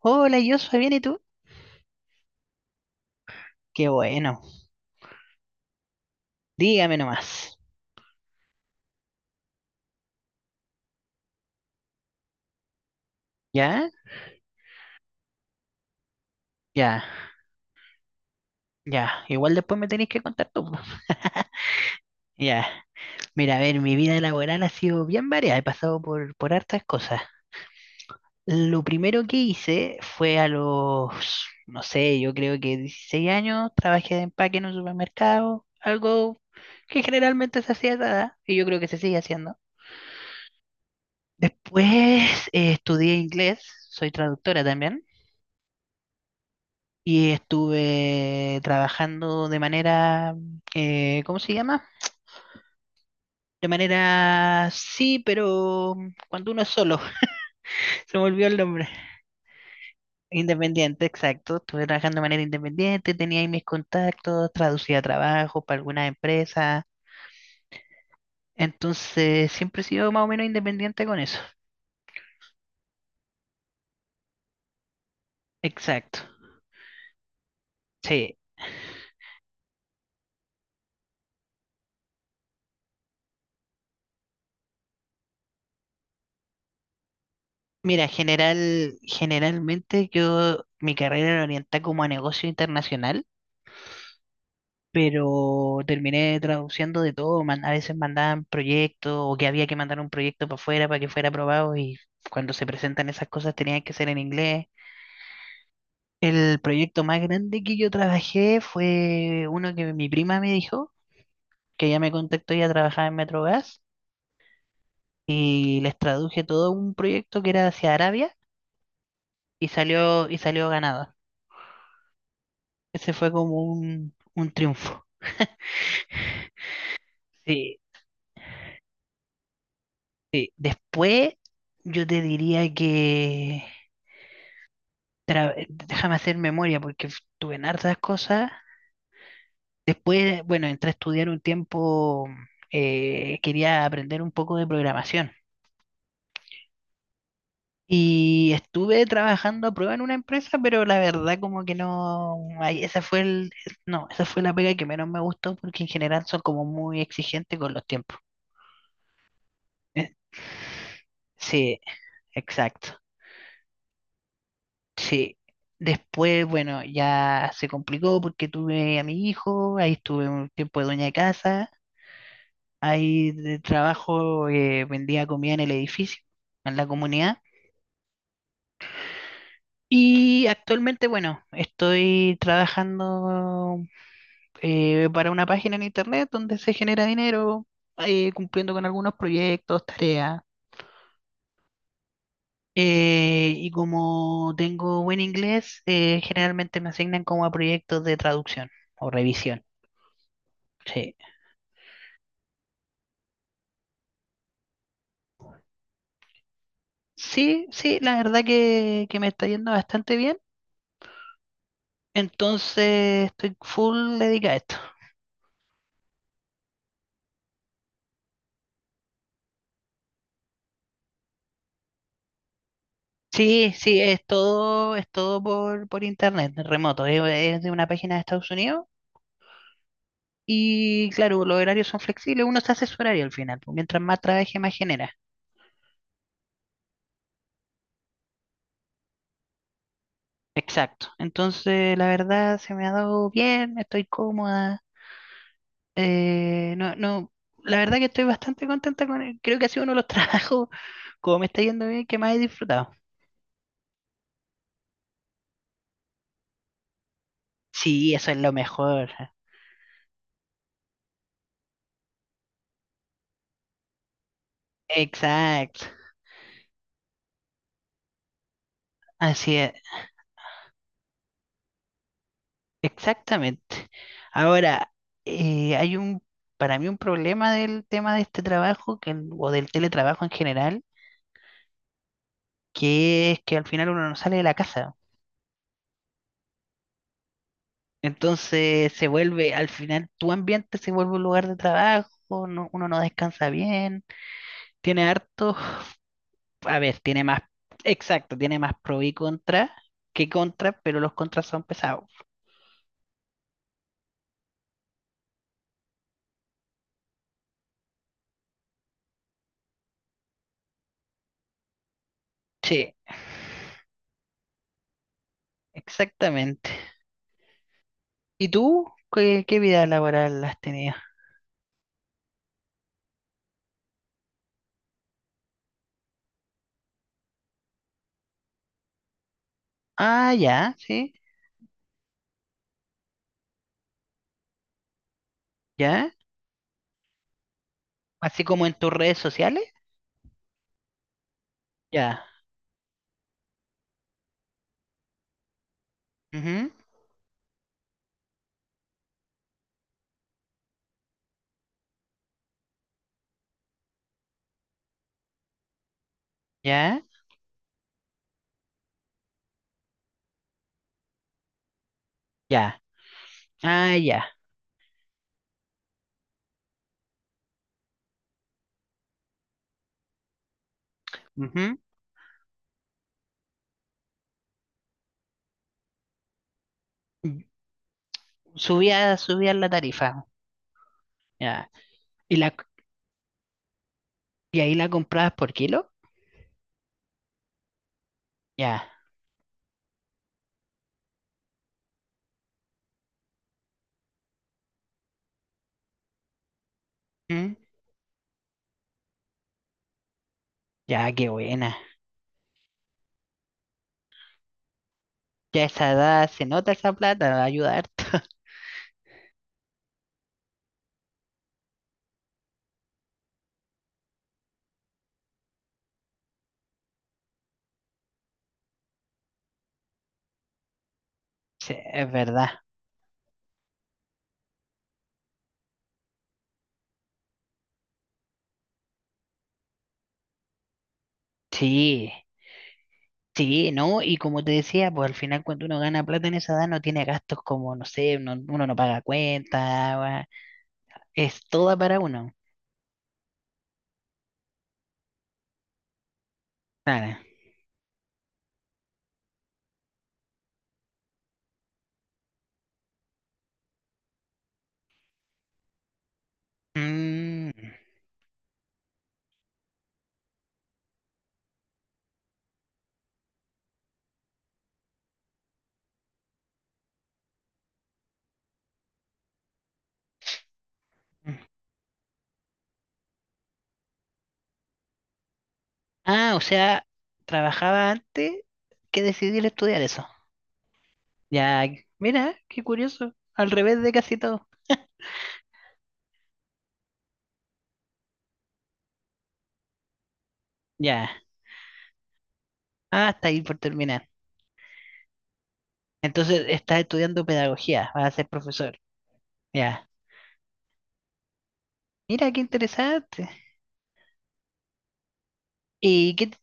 Hola, yo soy bien, ¿y tú? Qué bueno, dígame nomás. ¿Ya? Ya, ya. Igual después me tenéis que contar tú, po. Ya. Mira, a ver, mi vida laboral ha sido bien variada, he pasado por hartas cosas. Lo primero que hice fue a los, no sé, yo creo que 16 años, trabajé de empaque en un supermercado, algo que generalmente se hacía a esa edad, y yo creo que se sigue haciendo. Después estudié inglés, soy traductora también. Y estuve trabajando de manera, ¿cómo se llama? De manera, sí, pero cuando uno es solo, se me olvidó el nombre. Independiente, exacto. Estuve trabajando de manera independiente, tenía ahí mis contactos, traducía trabajo para algunas empresas. Entonces, siempre he sido más o menos independiente con eso. Exacto. Sí. Mira, generalmente yo, mi carrera la orienté como a negocio internacional. Pero terminé traduciendo de todo, a veces mandaban proyectos o que había que mandar un proyecto para afuera para que fuera aprobado y cuando se presentan esas cosas tenían que ser en inglés. El proyecto más grande que yo trabajé fue uno que mi prima me dijo, que ella me contactó, ella trabajaba en Metrogas y les traduje todo un proyecto que era hacia Arabia y salió ganador. Ese fue como un triunfo. Sí, sí. Después yo te diría que… déjame hacer memoria porque tuve en hartas cosas. Después, bueno, entré a estudiar un tiempo, quería aprender un poco de programación. Y estuve trabajando a prueba en una empresa, pero la verdad como que no, ahí esa fue el, no, esa fue la pega que menos me gustó porque en general son como muy exigentes con los tiempos. Eh, Sí, exacto. Sí. Después, bueno, ya se complicó porque tuve a mi hijo, ahí estuve un tiempo de dueña de casa. Ahí de trabajo, vendía comida en el edificio, en la comunidad. Y actualmente, bueno, estoy trabajando para una página en internet donde se genera dinero, cumpliendo con algunos proyectos, tareas. Y como tengo buen inglés, generalmente me asignan como a proyectos de traducción o revisión. Sí, sí, la verdad que me está yendo bastante bien. Entonces estoy full dedicado a esto. Sí, sí, es todo por internet, remoto. Es de una página de Estados Unidos y claro, los horarios son flexibles, uno se hace su horario al final, pues, mientras más trabaje, más genera. Exacto. Entonces, la verdad se me ha dado bien, estoy cómoda. No, no, La verdad que estoy bastante contenta con él. Creo que ha sido uno de los trabajos, como me está yendo bien, que más he disfrutado. Sí, eso es lo mejor. Exacto. Así es. Exactamente. Ahora, eh, hay un, para mí un problema del tema de este trabajo que, o del teletrabajo en general, que es que al final uno no sale de la casa. Entonces se vuelve, al final tu ambiente se vuelve un lugar de trabajo, uno no descansa bien, tiene harto, a ver, tiene más pro y contra que contra, pero los contras son pesados. Sí, exactamente. ¿Y tú qué vida laboral has tenido? Ah, ya, sí. ¿Ya? Así como en tus redes sociales. Ya, ujú. Ya. Ya. Ah, ya, ujú. Subía, subía la tarifa. Ya. ¿Y la, ¿y ahí la comprabas por kilo? Ya, ujú. Ya, qué buena. Ya a esa edad se nota esa plata, va a ayudar. Sí, es verdad. Sí. Sí, ¿no? Y como te decía, pues al final cuando uno gana plata en esa edad no tiene gastos como, no sé, uno no paga cuenta, es toda para uno. Claro. Mm. Ah, o sea, trabajaba antes que decidir estudiar eso. Ya, mira, qué curioso. Al revés de casi todo. Ya. Ah, hasta ahí por terminar. Entonces, estás estudiando pedagogía, vas a ser profesor. Ya. Mira, qué interesante. ¿Y qué?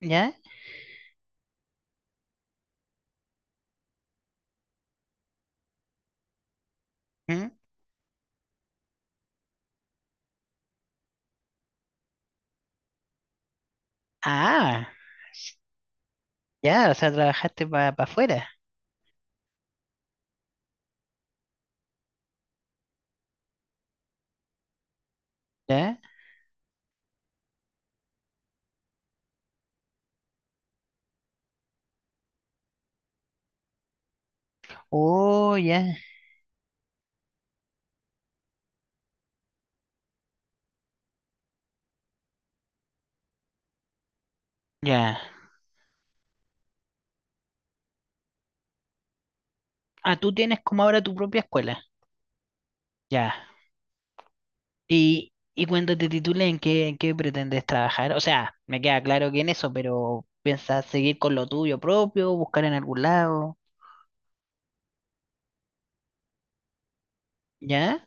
¿Ya? ¿Mm? Ah, ya, o sea, trabajaste para afuera. ¿Ya? Oh, ya. Ya. Ah, tú tienes como ahora tu propia escuela. Ya. Y cuando te titulen, en qué pretendes trabajar? O sea, me queda claro que en eso, pero ¿piensas seguir con lo tuyo propio, buscar en algún lado? ¿Ya?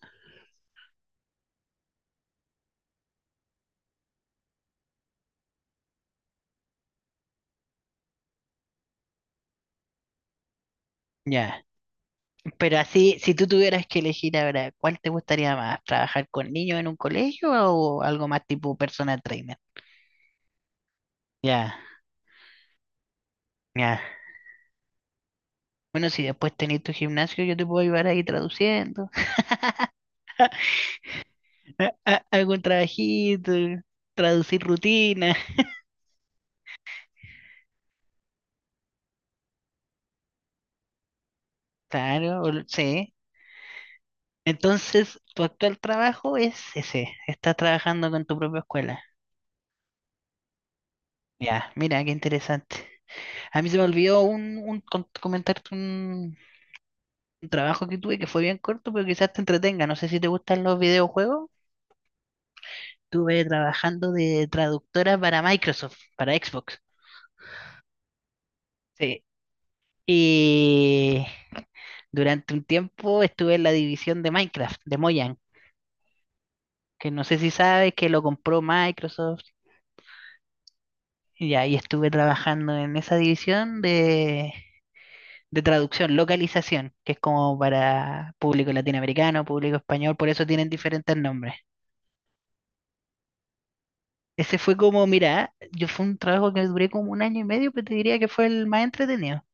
Ya. Pero así, si tú tuvieras que elegir ahora, ¿cuál te gustaría más? ¿Trabajar con niños en un colegio o algo más tipo personal trainer? Ya, ya. Bueno, si después tenés tu gimnasio, yo te puedo ayudar ahí traduciendo. Algún trabajito, traducir rutina. Claro, sí. Entonces, tu actual trabajo es ese. Estás trabajando con tu propia escuela. Ya, mira, qué interesante. A mí se me olvidó comentarte un trabajo que tuve que fue bien corto, pero quizás te entretenga. No sé si te gustan los videojuegos. Estuve trabajando de traductora para Microsoft, para Xbox. Sí. Y durante un tiempo estuve en la división de Minecraft, de Mojang, que no sé si sabes que lo compró Microsoft. Y ahí estuve trabajando en esa división de traducción, localización, que es como para público latinoamericano, público español, por eso tienen diferentes nombres. Ese fue como, mira, yo fue un trabajo que duré como 1 año y medio, pero te diría que fue el más entretenido.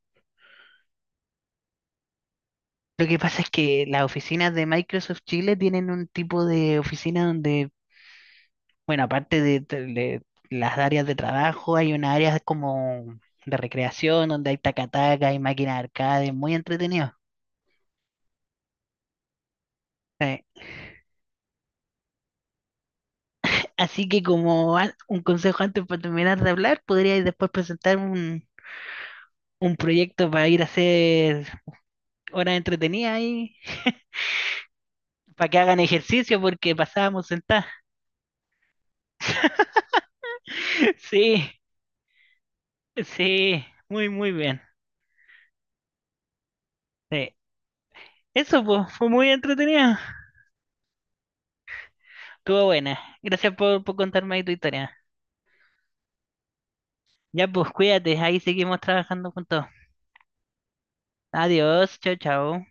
Lo que pasa es que las oficinas de Microsoft Chile tienen un tipo de oficina donde, bueno, aparte de las áreas de trabajo, hay una área como de recreación, donde hay tacataca, hay máquinas de arcade, muy entretenido. Sí. Así que como un consejo antes para terminar de hablar, podríais después presentar un proyecto para ir a hacer horas entretenidas ahí, para que hagan ejercicio porque pasábamos sentadas. Sí, sí, muy, muy bien. Sí. Eso pues, fue muy entretenido. Estuvo buena. Gracias por contarme ahí tu historia. Ya pues, cuídate, ahí seguimos trabajando juntos. Adiós, chao, chao.